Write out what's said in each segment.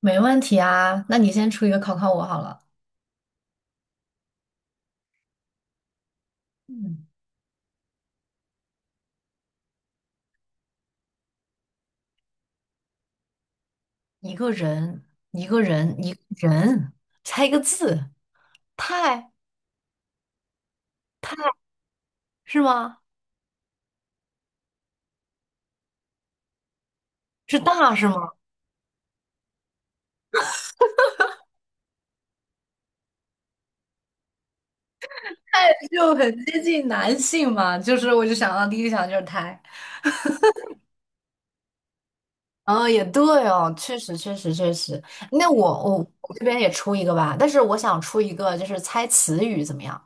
没问题啊，那你先出一个考考我好了。嗯，一个人，一个人，猜一个字，太是吗？是大是吗？就很接近男性嘛，我就想到第一想就是胎。哦，也对哦，确实。那我这边也出一个吧，但是我想出一个，就是猜词语怎么样？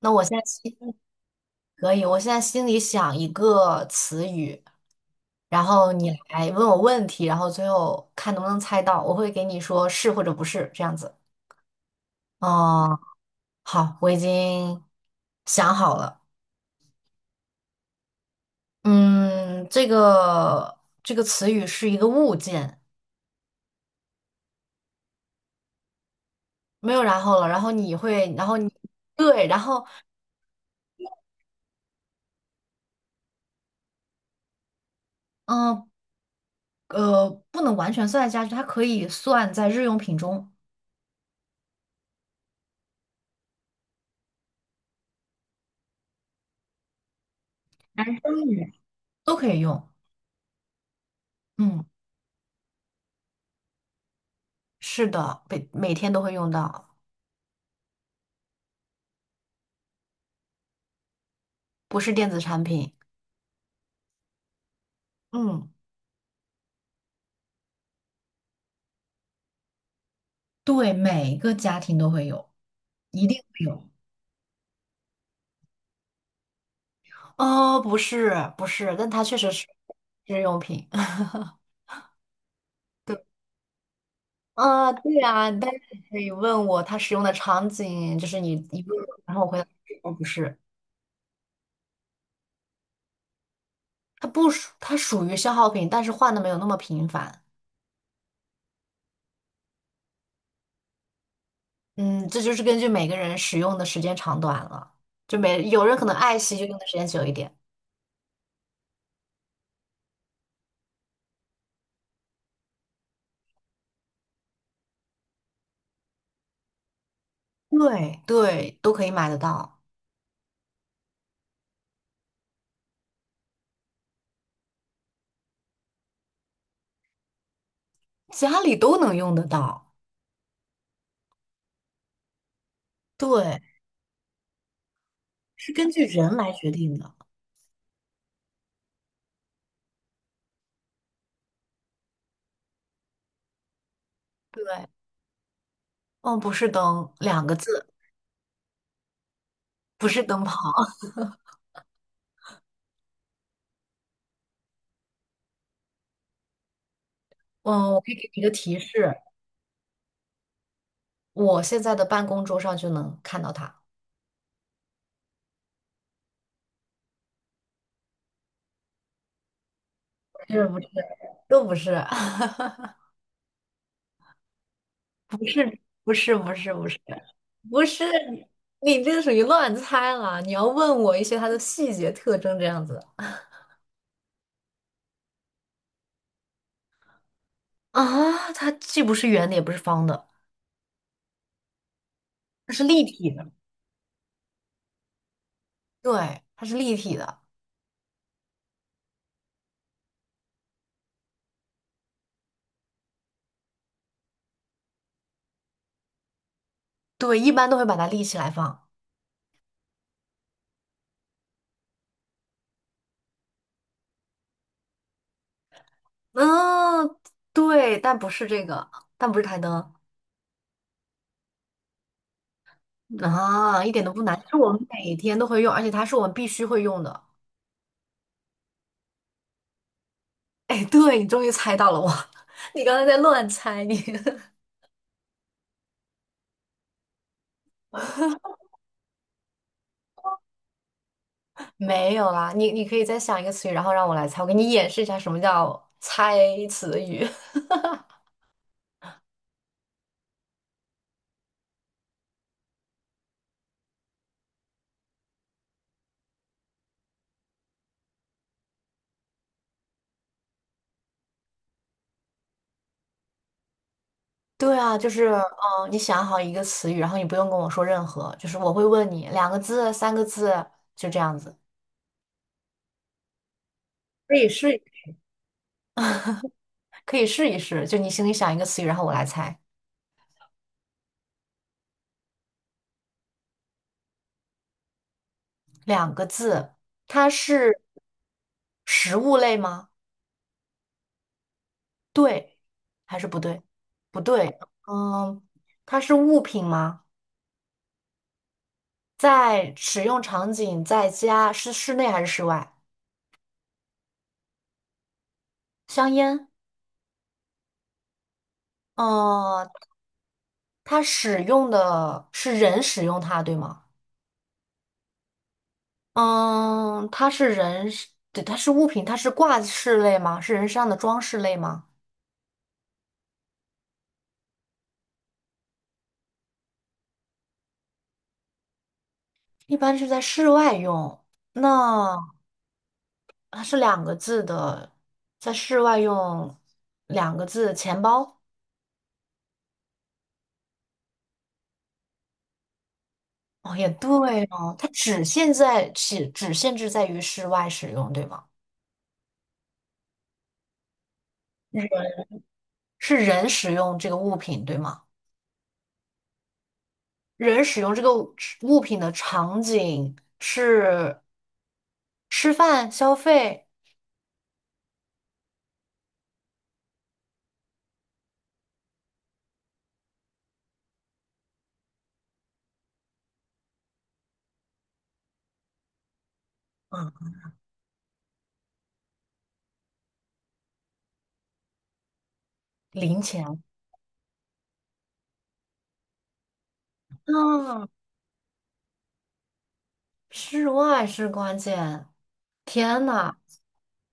那我现在心可以，我现在心里想一个词语，然后你来问我问题，然后最后看能不能猜到，我会给你说是或者不是这样子。哦，好，我已经想好了。嗯，这个词语是一个物件，没有然后了。然后你会，然后你对，然后嗯不能完全算在家具，它可以算在日用品中，男生女人都可以用。嗯，是的，每天都会用到，不是电子产品。嗯。对，每个家庭都会有，一定会有。哦，不是，但它确实是日用品。对，啊，对啊，但是你可以问我它使用的场景，就是你一问我然后我回答哦，不是，它不属，它属于消耗品，但是换的没有那么频繁。嗯，这就是根据每个人使用的时间长短了，就每有人可能爱惜就用的时间久一点。对对，都可以买得到，家里都能用得到。对，是根据人来决定的。对，嗯，不是灯，两个字，不是灯泡。嗯，我可以给你一个提示，我现在的办公桌上就能看到它。不是，都不是，不是不是不是不是不是，你这个属于乱猜了。你要问我一些它的细节特征这样子。啊，它既不是圆的，也不是方的，它是立体的。对，它是立体的。对，一般都会把它立起来放。嗯，对，但不是这个，但不是台灯。啊，一点都不难，是我们每天都会用，而且它是我们必须会用的。哎，对，你终于猜到了我，你刚才在乱猜你。没有啦，你可以再想一个词语，然后让我来猜，我给你演示一下什么叫猜词语。对啊，你想好一个词语，然后你不用跟我说任何，就是我会问你两个字、三个字，就这样子，可以试一 可以试一试。就你心里想一个词语，然后我来猜，两个字，它是食物类吗？对还是不对？不对，嗯，它是物品吗？在使用场景，在家是室内还是室外？香烟，嗯，它使用的是人使用它，对吗？嗯，它是人是对，它是物品，它是挂饰类吗？是人身上的装饰类吗？一般是在室外用，那它是两个字的，在室外用两个字，钱包。哦，也对哦，它只限制在于室外使用，对吗？人是人使用这个物品，对吗？人使用物品的场景是吃饭、消费、嗯，零钱。嗯，室外是关键。天呐，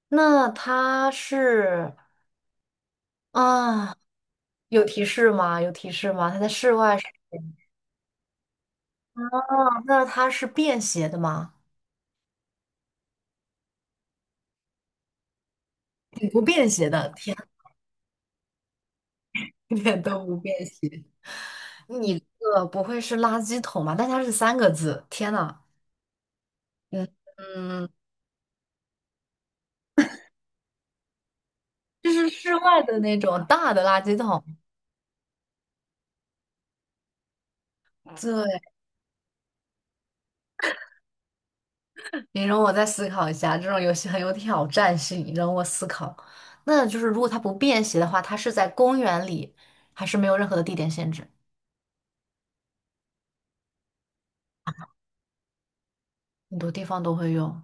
那它是啊，有提示吗？有提示吗？它在室外是，啊，那它是便携的吗？挺不便携的，天，一点都不便携。你这个不会是垃圾桶吧？但它是三个字，天呐，嗯嗯，就是室外的那种大的垃圾桶。对，你容我再思考一下，这种游戏很有挑战性，你容我思考。那就是如果它不便携的话，它是在公园里，还是没有任何的地点限制？很多地方都会用。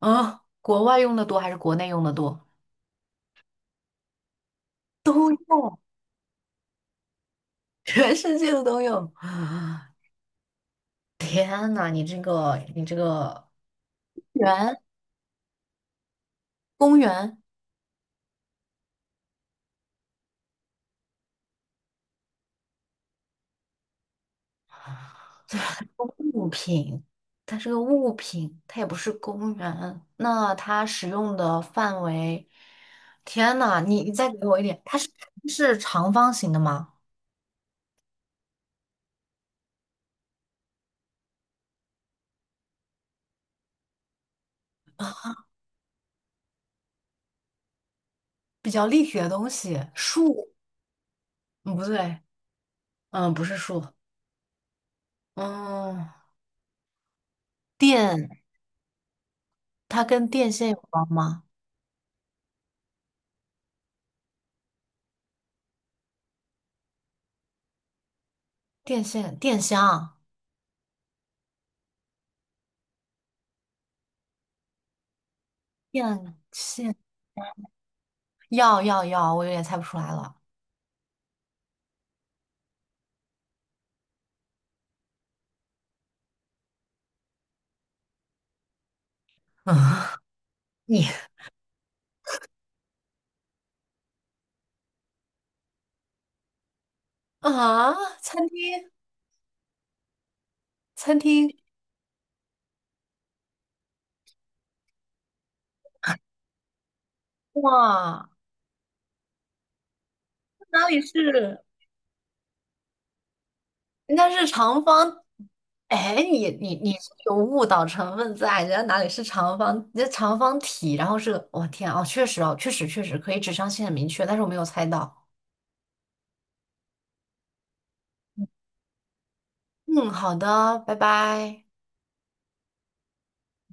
嗯，国外用的多还是国内用的多？哦，全世界的都有。天呐，你这个园公园。物品，它是个物品，它也不是公园。那它使用的范围，天呐，你你再给我一点，它是长方形的吗？比较立体的东西，树，嗯，不对，嗯，不是树，嗯，电，它跟电线有关吗？电线、电箱、电线，要，我有点猜不出来了。你啊，餐厅，餐厅，哇，哪里是？但是长方，哎，你是有误导成分在，人家哪里是长方？人家长方体，然后是我、天啊，哦，确实可以指向性很明确，但是我没有猜到。嗯，好的，拜拜。